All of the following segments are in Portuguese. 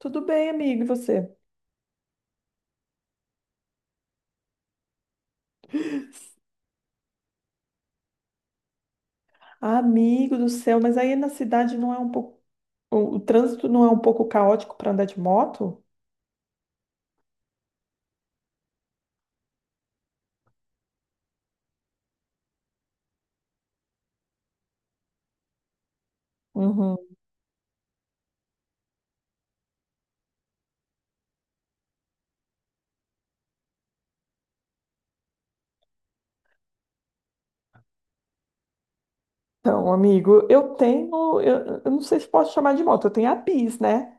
Tudo bem, amigo, e você? Ah, amigo do céu, mas aí na cidade não é um pouco. O trânsito não é um pouco caótico para andar de moto? Uhum. Então, amigo, eu tenho. Eu não sei se posso chamar de moto, eu tenho a bis, né?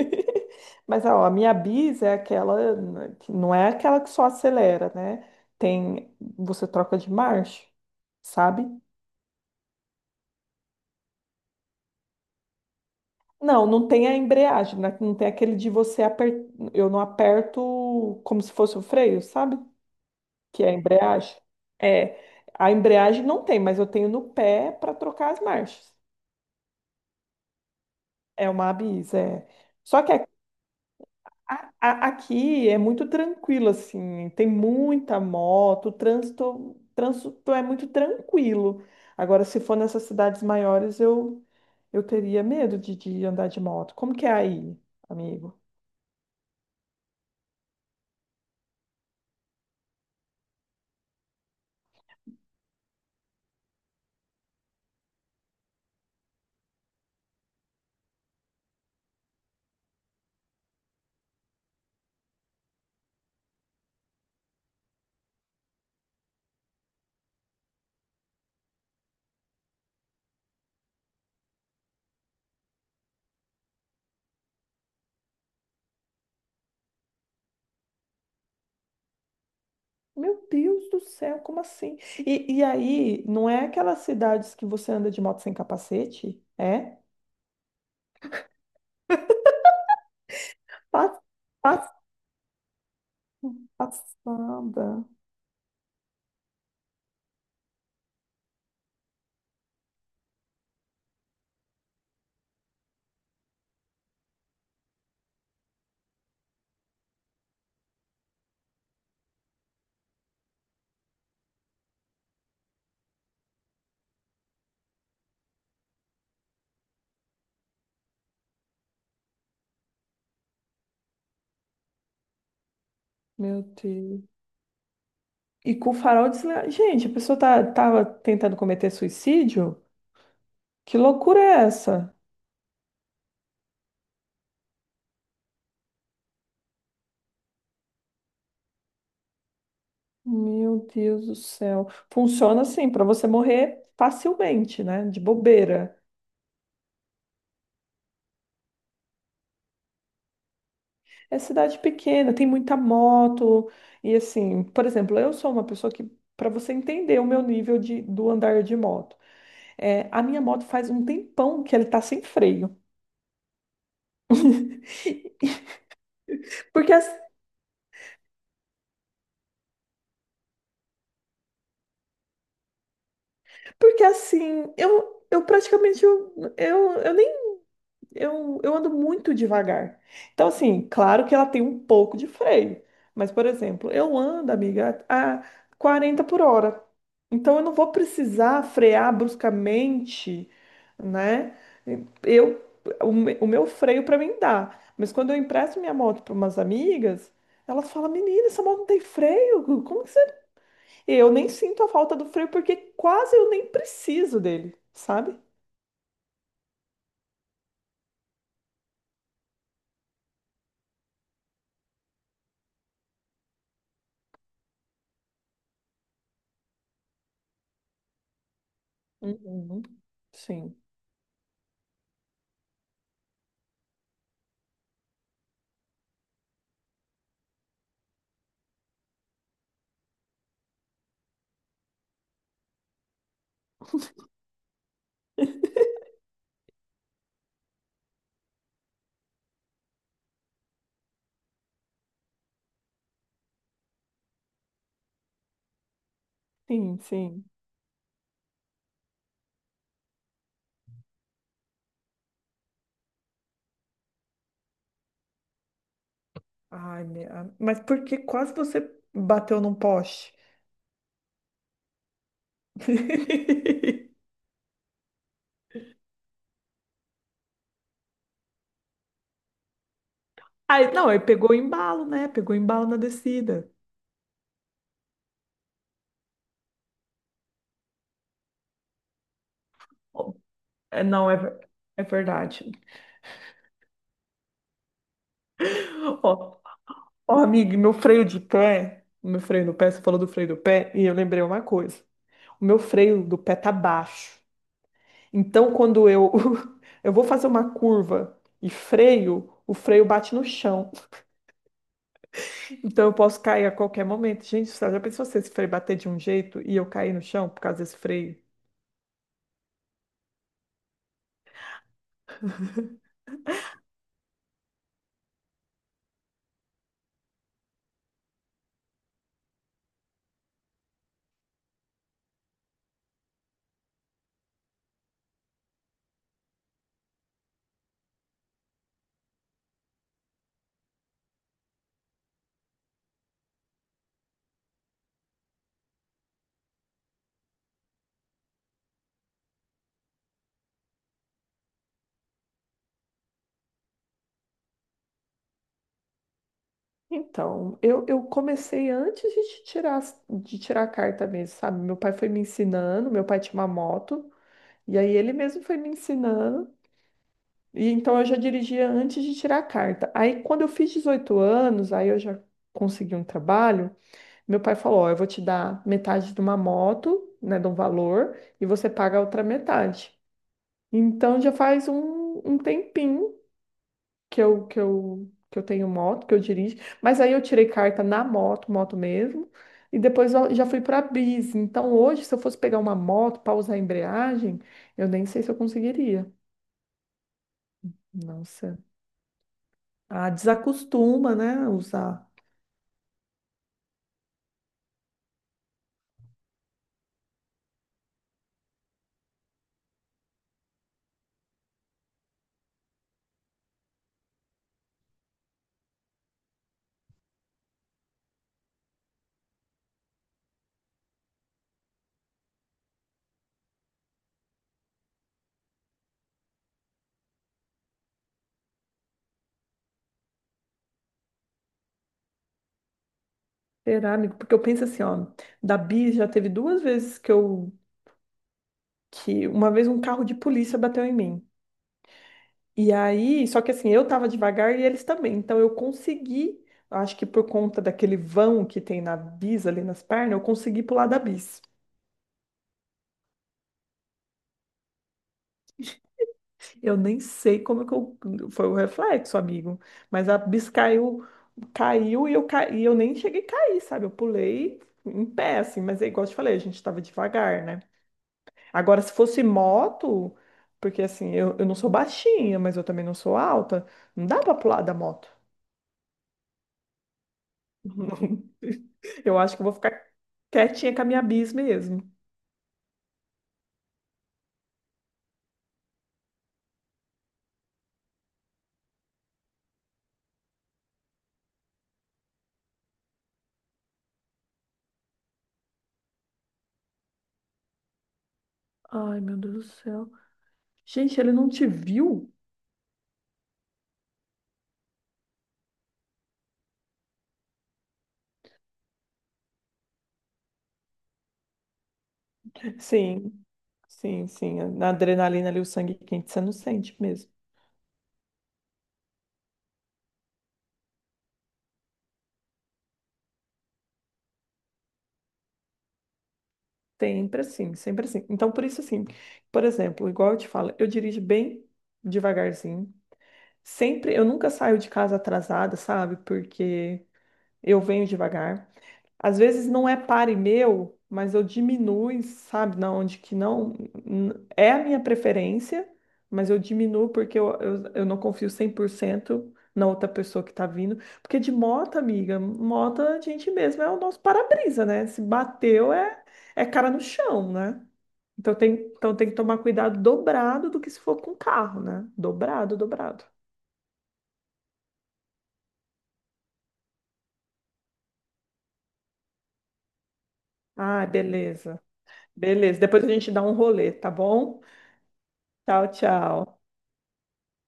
Mas ó, a minha bis é aquela. Né, que não é aquela que só acelera, né? Tem. Você troca de marcha, sabe? Não, não tem a embreagem, né? Não tem aquele de você apertar. Eu não aperto como se fosse o freio, sabe? Que é a embreagem. É, a embreagem não tem, mas eu tenho no pé para trocar as marchas. É uma abis, é. Só que aqui é muito tranquilo, assim, tem muita moto, o trânsito é muito tranquilo. Agora, se for nessas cidades maiores, eu teria medo de andar de moto. Como que é aí, amigo? Meu Deus do céu, como assim? E aí, não é aquelas cidades que você anda de moto sem capacete? É? Pas- pas- Passada. Meu Deus. E com o farol desligado. Gente, a pessoa tava tentando cometer suicídio? Que loucura é essa? Meu Deus do céu. Funciona assim, para você morrer facilmente, né? De bobeira. É cidade pequena, tem muita moto. E assim, por exemplo, eu sou uma pessoa que, para você entender o meu nível do andar de moto, a minha moto faz um tempão que ele tá sem freio. Porque assim, Porque assim, eu praticamente eu nem eu ando muito devagar. Então, assim, claro que ela tem um pouco de freio. Mas, por exemplo, eu ando, amiga, a 40 por hora. Então eu não vou precisar frear bruscamente, né? Eu, o meu freio para mim dá. Mas quando eu empresto minha moto para umas amigas, elas falam, menina, essa moto não tem freio? Como que E eu nem sinto a falta do freio porque quase eu nem preciso dele, sabe? Uhum. Sim. Sim, sim. Ai, minha... Mas por que quase você bateu num poste? Aí, não, aí pegou embalo, né? Pegou embalo na descida. Ó, é, não, é, é verdade. Ó, ó, amiga, meu freio do pé, você falou do freio do pé, e eu lembrei uma coisa. O meu freio do pé tá baixo. Então, quando eu, eu vou fazer uma curva e freio, o freio bate no chão. Então, eu posso cair a qualquer momento. Gente, você já pensou se esse freio bater de um jeito e eu cair no chão por causa desse freio? Então, eu comecei antes de tirar a carta mesmo, sabe? Meu pai foi me ensinando, meu pai tinha uma moto, e aí ele mesmo foi me ensinando, e então eu já dirigia antes de tirar a carta. Aí, quando eu fiz 18 anos, aí eu já consegui um trabalho. Meu pai falou: Ó, eu vou te dar metade de uma moto, né, de um valor, e você paga a outra metade. Então já faz um tempinho que eu tenho moto, que eu dirijo, mas aí eu tirei carta na moto, moto mesmo, e depois eu já fui para bis. Então hoje, se eu fosse pegar uma moto para usar a embreagem, eu nem sei se eu conseguiria. Nossa, ah, desacostuma, né, usar cerâmico, porque eu penso assim, ó, da bis já teve duas vezes que eu que uma vez um carro de polícia bateu em mim. E aí, só que assim, eu tava devagar e eles também. Então eu consegui, acho que por conta daquele vão que tem na bis ali nas pernas, eu consegui pular da bis. Eu nem sei como que eu, foi o reflexo, amigo, mas a bis caiu e eu nem cheguei a cair, sabe? Eu pulei em pé assim, mas é igual eu te falei, a gente tava devagar, né? Agora, se fosse moto, porque assim, eu não sou baixinha, mas eu também não sou alta, não dá pra pular da moto. Não. Eu acho que eu vou ficar quietinha com a minha bis mesmo. Ai, meu Deus do céu. Gente, ele não te viu? Sim, sim, sim. Na adrenalina ali, o sangue quente, você não sente mesmo. Sempre assim, sempre assim. Então, por isso, assim, por exemplo, igual eu te falo, eu dirijo bem devagarzinho. Sempre, eu nunca saio de casa atrasada, sabe? Porque eu venho devagar. Às vezes não é pare meu, mas eu diminuo, sabe, na onde que não é a minha preferência, mas eu diminuo porque eu não confio 100% na outra pessoa que tá vindo. Porque de moto, amiga, moto a gente mesmo é o nosso para-brisa, né? Se bateu é cara no chão, né? Então tem que tomar cuidado dobrado do que se for com carro, né? Dobrado, dobrado. Ah, beleza. Beleza. Depois a gente dá um rolê, tá bom? Tchau, tchau.